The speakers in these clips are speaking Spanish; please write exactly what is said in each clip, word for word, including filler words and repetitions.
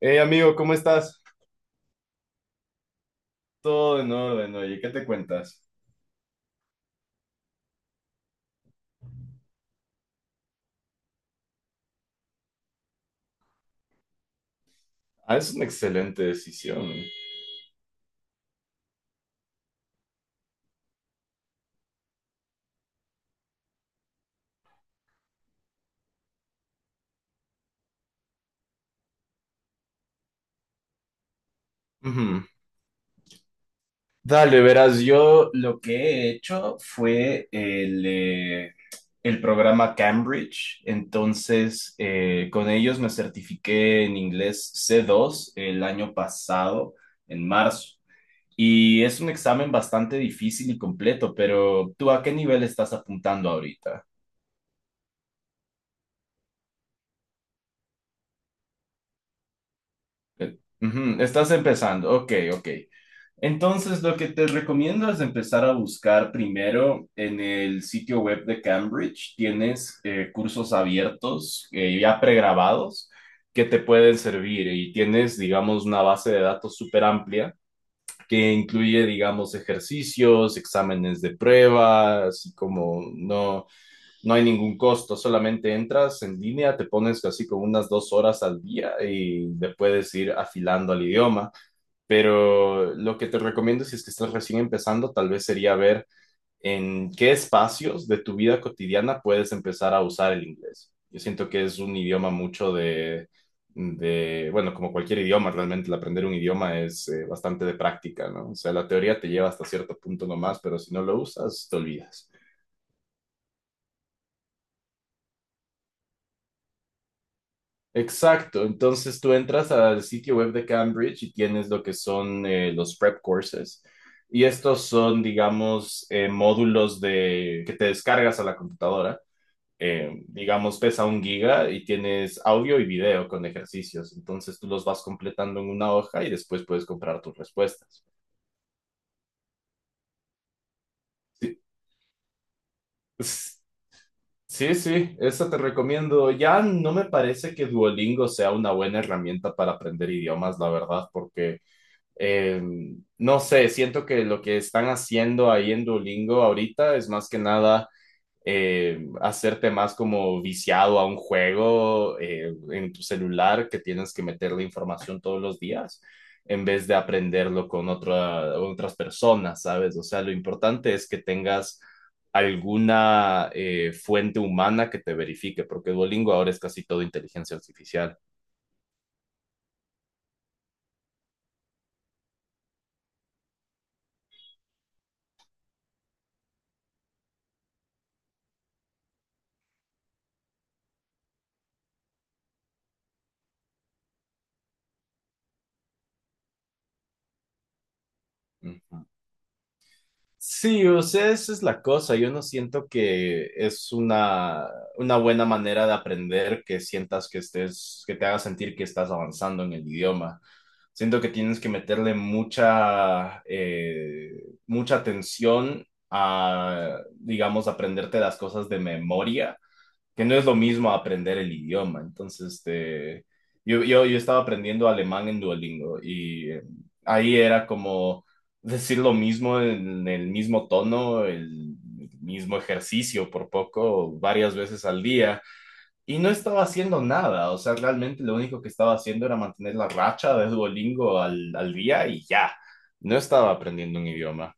Hey amigo, ¿cómo estás? Todo en orden, oye, ¿qué te cuentas? Ah, es una excelente decisión. Ujú. Dale, verás, yo lo que he hecho fue el, eh, el programa Cambridge, entonces eh, con ellos me certifiqué en inglés c dos el año pasado, en marzo, y es un examen bastante difícil y completo, pero ¿tú a qué nivel estás apuntando ahorita? Eh, ujú, estás empezando, ok, ok. Entonces, lo que te recomiendo es empezar a buscar primero en el sitio web de Cambridge. Tienes eh, cursos abiertos, eh, ya pregrabados, que te pueden servir y tienes, digamos, una base de datos súper amplia que incluye, digamos, ejercicios, exámenes de prueba, así como no, no hay ningún costo, solamente entras en línea, te pones así como unas dos horas al día y le puedes ir afilando al idioma. Pero lo que te recomiendo si es que estás recién empezando, tal vez sería ver en qué espacios de tu vida cotidiana puedes empezar a usar el inglés. Yo siento que es un idioma mucho de, de bueno, como cualquier idioma, realmente el aprender un idioma es eh, bastante de práctica, ¿no? O sea, la teoría te lleva hasta cierto punto nomás, pero si no lo usas, te olvidas. Exacto, entonces tú entras al sitio web de Cambridge y tienes lo que son eh, los prep courses. Y estos son, digamos, eh, módulos de, que te descargas a la computadora. Eh, digamos, pesa un giga y tienes audio y video con ejercicios. Entonces tú los vas completando en una hoja y después puedes comprar tus respuestas. Sí, s- sí, sí, esa te recomiendo. Ya no me parece que Duolingo sea una buena herramienta para aprender idiomas, la verdad, porque... Eh, no sé, siento que lo que están haciendo ahí en Duolingo ahorita es más que nada eh, hacerte más como viciado a un juego eh, en tu celular que tienes que meterle información todos los días en vez de aprenderlo con otra, otras personas, ¿sabes? O sea, lo importante es que tengas alguna eh, fuente humana que te verifique, porque Duolingo ahora es casi todo inteligencia artificial. Ujú. Sí, o sea, esa es la cosa. Yo no siento que es una, una buena manera de aprender que sientas que estés, que te haga sentir que estás avanzando en el idioma. Siento que tienes que meterle mucha, eh, mucha atención a, digamos, aprenderte las cosas de memoria que no es lo mismo aprender el idioma. Entonces, este, yo, yo, yo estaba aprendiendo alemán en Duolingo y eh, ahí era como decir lo mismo en el mismo tono, el mismo ejercicio por poco, varias veces al día. Y no estaba haciendo nada, o sea, realmente lo único que estaba haciendo era mantener la racha de Duolingo al, al día y ya, no estaba aprendiendo un idioma.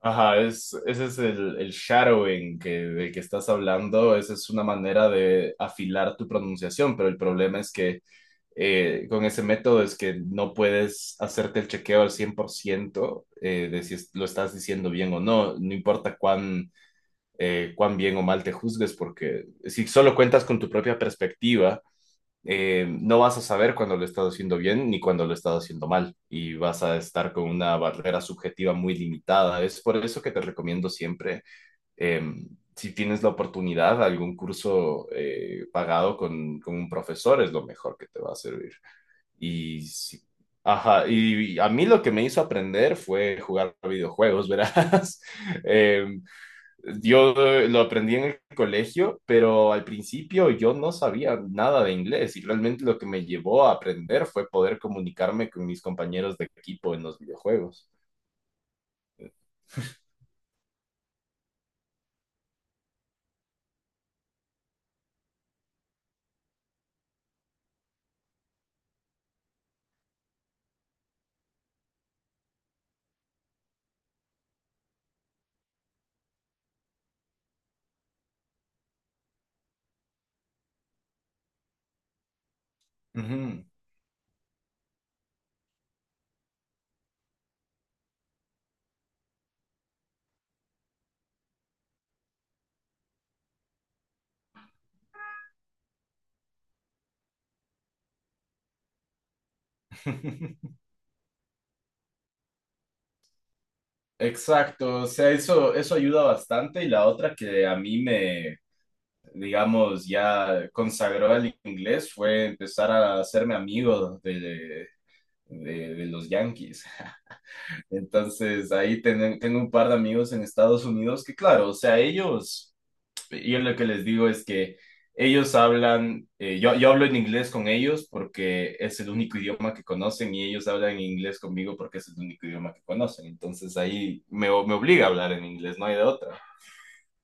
Ajá, es, ese es el, el shadowing que, del que estás hablando. Esa es una manera de afilar tu pronunciación, pero el problema es que eh, con ese método es que no puedes hacerte el chequeo al cien por ciento eh, de si es- lo estás diciendo bien o no. No importa cuán, eh, cuán bien o mal te juzgues, porque si solo cuentas con tu propia perspectiva, eh, no vas a saber cuando lo estás haciendo bien ni cuando lo estás haciendo mal y vas a estar con una barrera subjetiva muy limitada. Es por eso que te recomiendo siempre, eh, si tienes la oportunidad, algún curso eh, pagado con, con un profesor es lo mejor que te va a servir. Y si ajá, y a mí lo que me hizo aprender fue jugar videojuegos, verás. Eh, yo eh, lo aprendí en el colegio, pero al principio yo no sabía nada de inglés y realmente lo que me llevó a aprender fue poder comunicarme con mis compañeros de equipo en los videojuegos. Ujú. Exacto, o sea, eso, eso ayuda bastante y la otra que a mí me, digamos, ya consagró al inglés fue empezar a hacerme amigo de, de, de los Yankees. Entonces, ahí ten- tengo un par de amigos en Estados Unidos que, claro, o sea, ellos, yo lo que les digo es que ellos hablan, eh, yo, yo hablo en inglés con ellos porque es el único idioma que conocen y ellos hablan en inglés conmigo porque es el único idioma que conocen. Entonces, ahí me, o- me obliga a hablar en inglés, no hay de otra.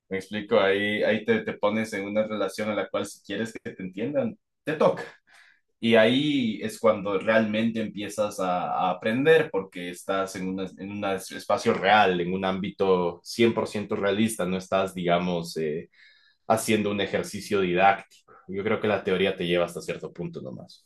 Me explico, ahí, ahí te, te pones en una relación a la cual si quieres que te entiendan, te toca. Y ahí es cuando realmente empiezas a, a aprender porque estás en, una- en un espacio real, en un ámbito cien por ciento realista, no estás, digamos, eh, haciendo un ejercicio didáctico. Yo creo que la teoría te lleva hasta cierto punto nomás.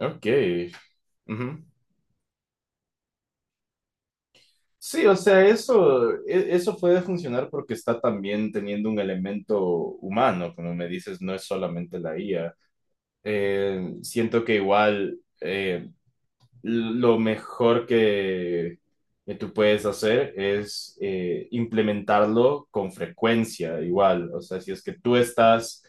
Ok. Ujú. Sí, o sea, eso, e- eso puede funcionar porque está también teniendo un elemento humano, como me dices, no es solamente la I A. Eh, siento que igual... eh, lo mejor que, que tú puedes hacer es eh, implementarlo con frecuencia, igual. O sea, si es que tú estás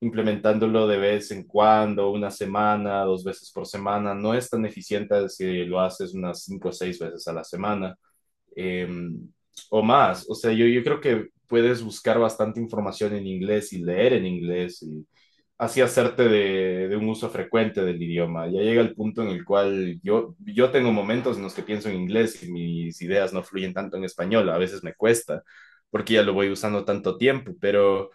implementándolo de vez en cuando, una semana, dos veces por semana, no es tan eficiente si lo haces unas cinco o seis veces a la semana eh, o más. O sea, yo, yo creo que puedes buscar bastante información en inglés y leer en inglés y así hacerte de, de un uso frecuente del idioma. Ya llega el punto en el cual yo, yo tengo momentos en los que pienso en inglés y mis ideas no fluyen tanto en español, a veces me cuesta, porque ya lo voy usando tanto tiempo, pero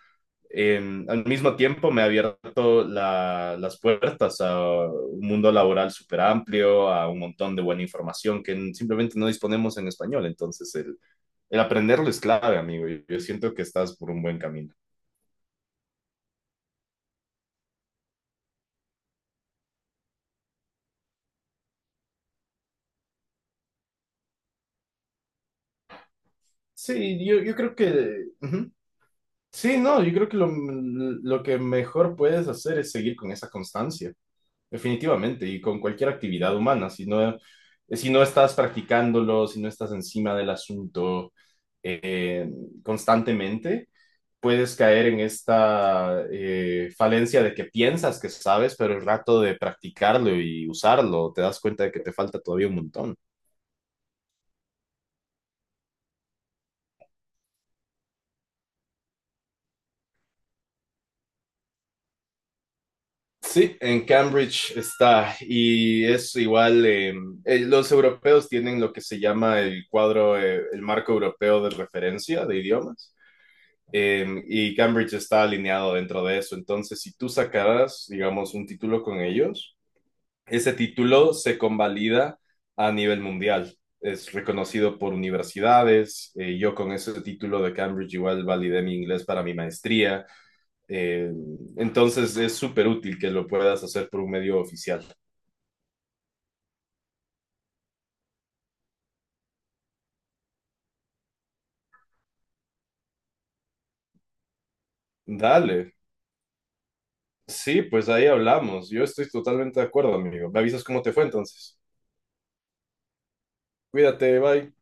eh, al mismo tiempo me ha abierto la, las puertas a un mundo laboral súper amplio, a un montón de buena información que simplemente no disponemos en español, entonces el, el aprenderlo es clave, amigo, y yo siento que estás por un buen camino. Sí, yo, yo creo que ujú. Sí, no, yo creo que lo, mm, lo que mejor puedes hacer es seguir con esa constancia, definitivamente, y con cualquier actividad humana. Si no, eh, si no estás practicándolo, si no estás encima del asunto eh, constantemente, puedes caer en esta eh, falencia de que piensas que sabes, pero el rato de practicarlo y usarlo, te das cuenta de que te falta todavía un montón. Sí, en Cambridge está y es igual, eh, eh, los europeos tienen lo que se llama el cuadro, eh, el marco europeo de referencia de idiomas eh, y Cambridge está alineado dentro de eso. Entonces, si tú sacaras, digamos, un título con ellos, ese título se convalida a nivel mundial. Es reconocido por universidades. Eh, yo con ese título de Cambridge igual validé mi inglés para mi maestría. Eh, entonces es súper útil que lo puedas hacer por un medio oficial. Dale. Sí, pues ahí hablamos. Yo estoy totalmente de acuerdo, amigo. Me avisas cómo te fue entonces. Cuídate, bye.